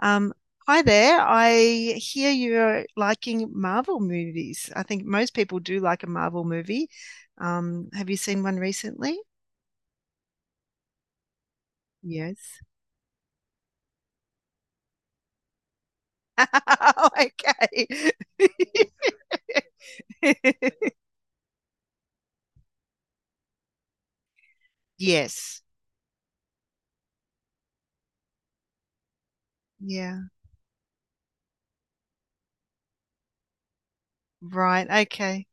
Um, Hi there. I hear you're liking Marvel movies. I think most people do like a Marvel movie. Have you seen one recently? Yes. Okay. Yes. Yeah. Right. Okay.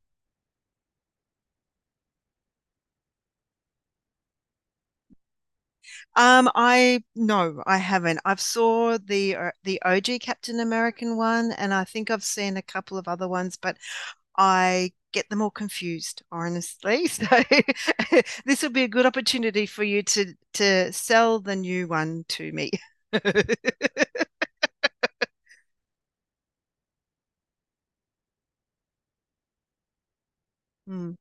I no, I haven't. I've saw the OG Captain American one, and I think I've seen a couple of other ones, but I get them all confused, honestly. So this would be a good opportunity for you to sell the new one to me. Mm.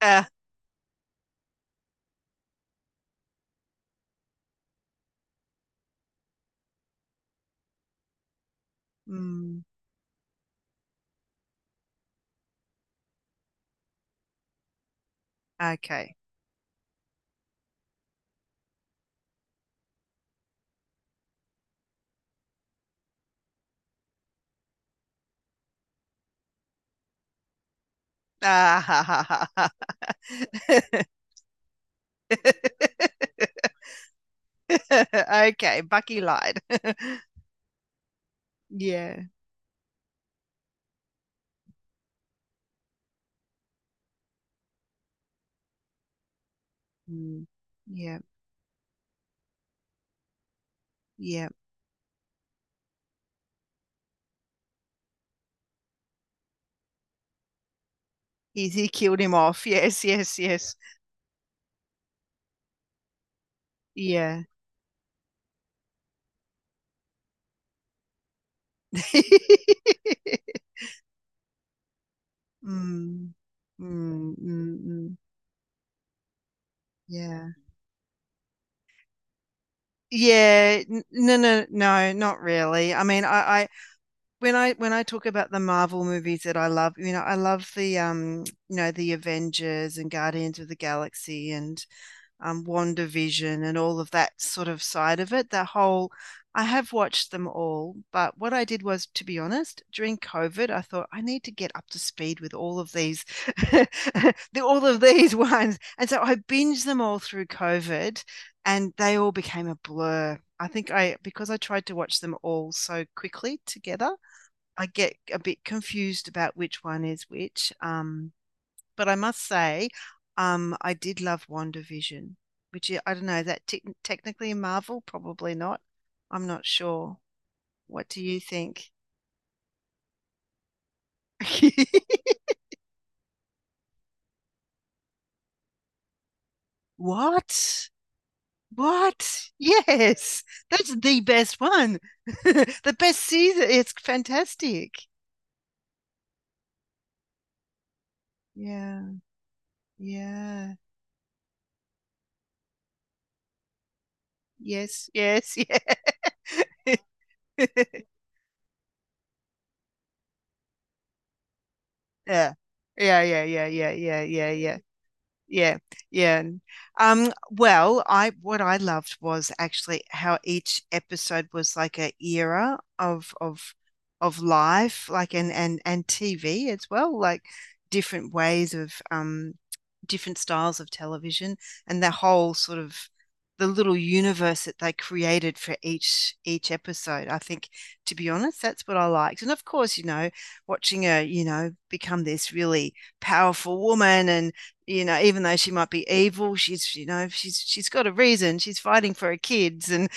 Uh, mm, okay. Ah, ha, ha, ha, ha. Okay, Bucky lied. Yeah. Mm. Yeah. Yeah. Easy killed him off. Yes, yes, yes. Yeah. Mm, mm, mm, mm. Yeah. Yeah, no, no, no, not really. I mean, I when I talk about the Marvel movies that I love, you know, I love the you know, the Avengers and Guardians of the Galaxy and WandaVision and all of that sort of side of it. The whole, I have watched them all, but what I did was, to be honest, during COVID, I thought I need to get up to speed with all of these, all of these ones, and so I binged them all through COVID, and they all became a blur. I think I because I tried to watch them all so quickly together, I get a bit confused about which one is which. But I must say, I did love WandaVision, which I don't know, is that technically a Marvel? Probably not. I'm not sure. What do you think? What? What? Yes, that's the best one. The best season. It's fantastic. Yeah, yeah. Yes, yes, yeah. Yeah, yeah, yeah, yeah, yeah, yeah, yeah, yeah. Yeah, yeah. Well, I what I loved was actually how each episode was like a era of life, like and TV as well, like different ways of different styles of television and the whole sort of the little universe that they created for each episode. I think, to be honest, that's what I liked. And of course, you know, watching her, you know, become this really powerful woman and you know, even though she might be evil, she's you know, she's got a reason. She's fighting for her kids, and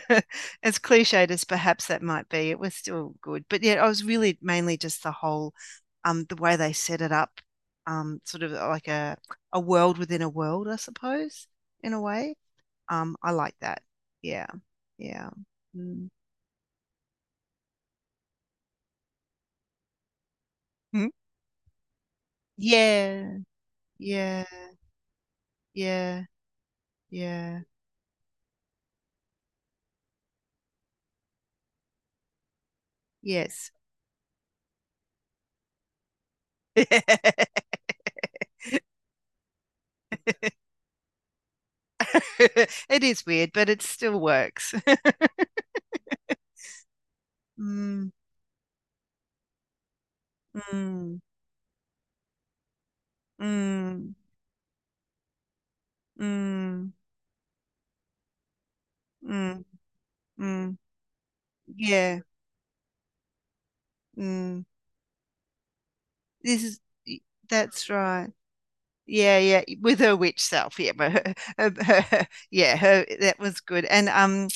as cliched as perhaps that might be, it was still good. But yeah, I was really mainly just the whole, the way they set it up, sort of like a world within a world, I suppose, in a way. I like that. Yeah, yeah, Mm. Hmm? Yeah, yeah, yeah, yeah. Yes. It is weird, but it still works. Mm, mm, mm, mm, mm, mm. Yeah. Mm. This is y- that's right. Yeah, yeah. With her witch self. Yeah, but yeah, her that was good. And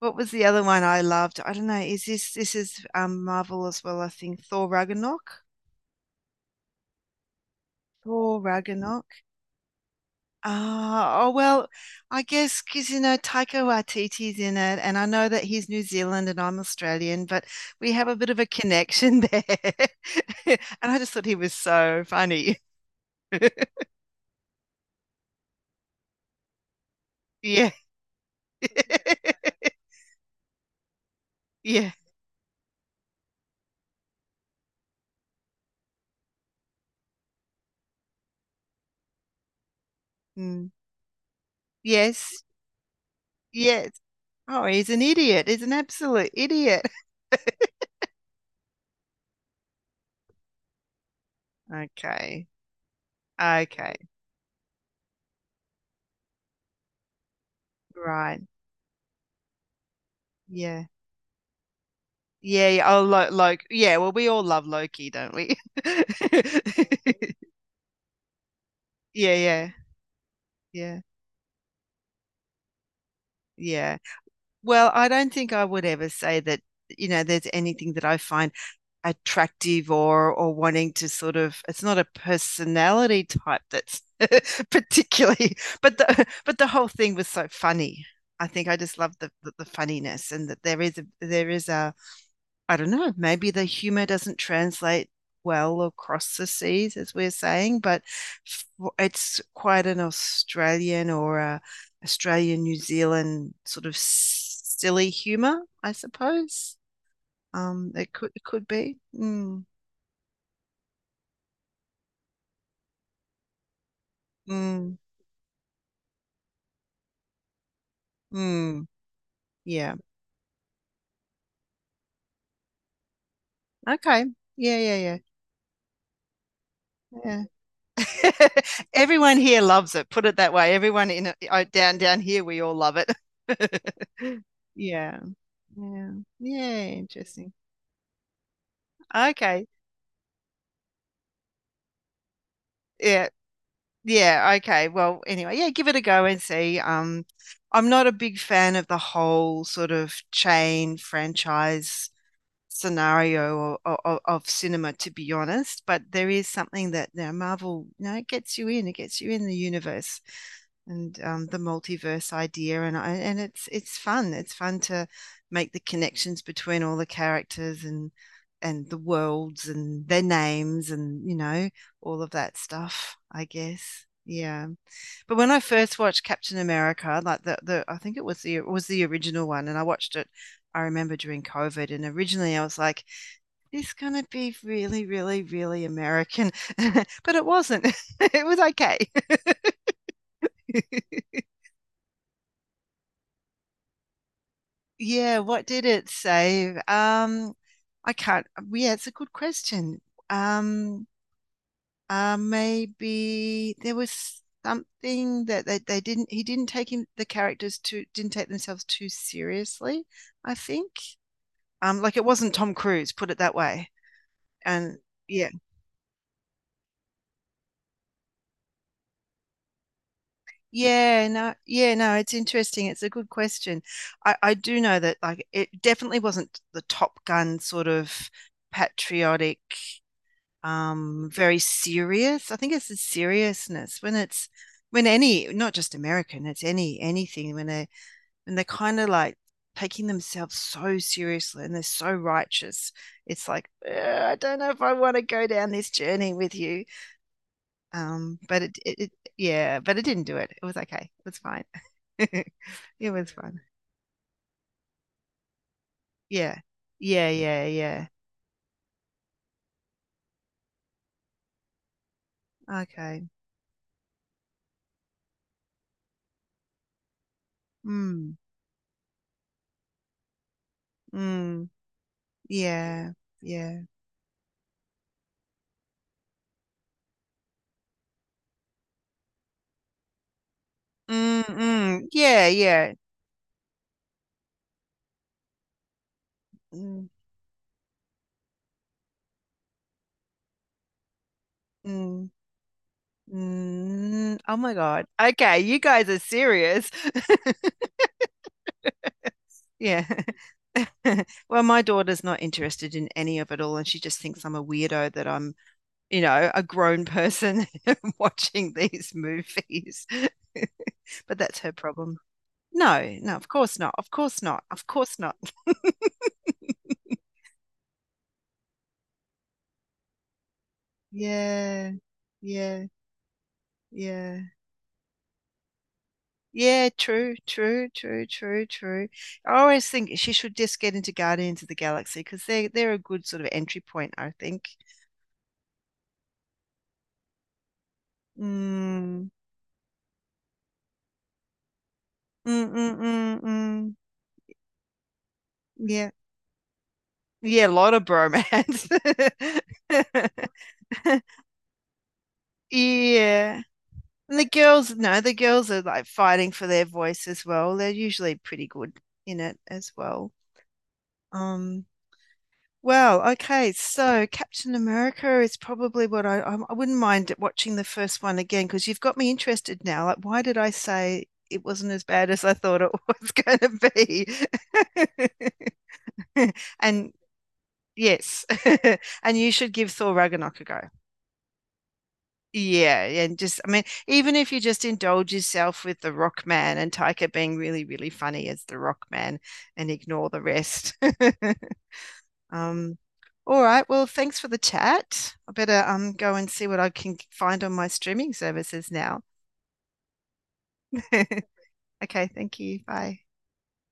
what was the other one I loved? I don't know. Is this is Marvel as well, I think. Thor Ragnarok? Thor Ragnarok. Ah, oh well, I guess because you know Taika Waititi's in it, and I know that he's New Zealand and I'm Australian, but we have a bit of a connection there. And I just thought he was so funny. Yeah, yeah, Mm. Yes, yes. Oh, he's an idiot. He's an absolute idiot. Okay, okay, right. Yeah, yeah, yeah. Oh, lo Loki. Yeah, well, we all love Loki, don't we? Yeah, yeah, yeah. Yeah. Well, I don't think I would ever say that, you know, there's anything that I find attractive or wanting to sort of it's not a personality type that's particularly but the but the whole thing was so funny. I think I just love the funniness and that there is a I don't know, maybe the humor doesn't translate well across the seas, as we're saying, but it's quite an Australian or a Australian New Zealand sort of silly humor, I suppose. It could be. Mm, mm, mm. Yeah. Okay. Yeah, yeah, yeah. Yeah. Everyone here loves it. Put it that way. Everyone in down here, we all love it. Yeah. Yeah. Yeah, interesting. Okay. Yeah. Yeah, okay. Well, anyway, yeah, give it a go and see. I'm not a big fan of the whole sort of chain franchise scenario of cinema, to be honest, but there is something that you know, Marvel, you know, it gets you in, it gets you in the universe, and the multiverse idea and it's fun to make the connections between all the characters and the worlds and their names, and you know all of that stuff I guess. Yeah, but when I first watched Captain America, like the I think it was the original one and I watched it, I remember, during COVID, and originally I was like, this gonna be really really really American, but it wasn't. It was okay. Yeah, what did it save? I can't. Yeah, it's a good question. Um, maybe there was something that they didn't. He didn't take him the characters to didn't take themselves too seriously. I think. Like it wasn't Tom Cruise. Put it that way. And yeah, yeah, no, yeah, no. It's interesting. It's a good question. I do know that like it definitely wasn't the Top Gun sort of patriotic very serious. I think it's the seriousness when it's when any not just American, it's any anything when they're kind of like taking themselves so seriously and they're so righteous. It's like I don't know if I want to go down this journey with you. But it, it, it yeah, but it didn't do it. It was okay. It was fine. It was fun. Yeah. Yeah, yeah, yeah. Okay. Mm. Mm. Yeah. Yeah. Mm, mm. Yeah, yeah. Mm, mm, mm. Oh my God. Okay, you guys are serious. Yeah. Well, my daughter's not interested in any of it all, and she just thinks I'm a weirdo that I'm, you know, a grown person watching these movies. But that's her problem. No, no, of course not. Of course not. Of course not. Yeah. Yeah. Yeah. Yeah, true, true, true, true, true. I always think she should just get into Guardians of the Galaxy because they're a good sort of entry point, I think. Mm. Mm, mm, mm, mm. Yeah. Yeah, a lot of bromance. Yeah. And the girls, no, the girls are like fighting for their voice as well. They're usually pretty good in it as well. Um Well, okay, so Captain America is probably what I wouldn't mind watching the first one again because you've got me interested now. Like, why did I say it wasn't as bad as I thought it was going to be? And yes, and you should give Thor Ragnarok a go. Yeah, yeah, and just I mean, even if you just indulge yourself with the Rock Man and Taika being really, really funny as the Rock Man and ignore the rest. Um, all right. Well, thanks for the chat. I better go and see what I can find on my streaming services now. Okay, thank you. Bye.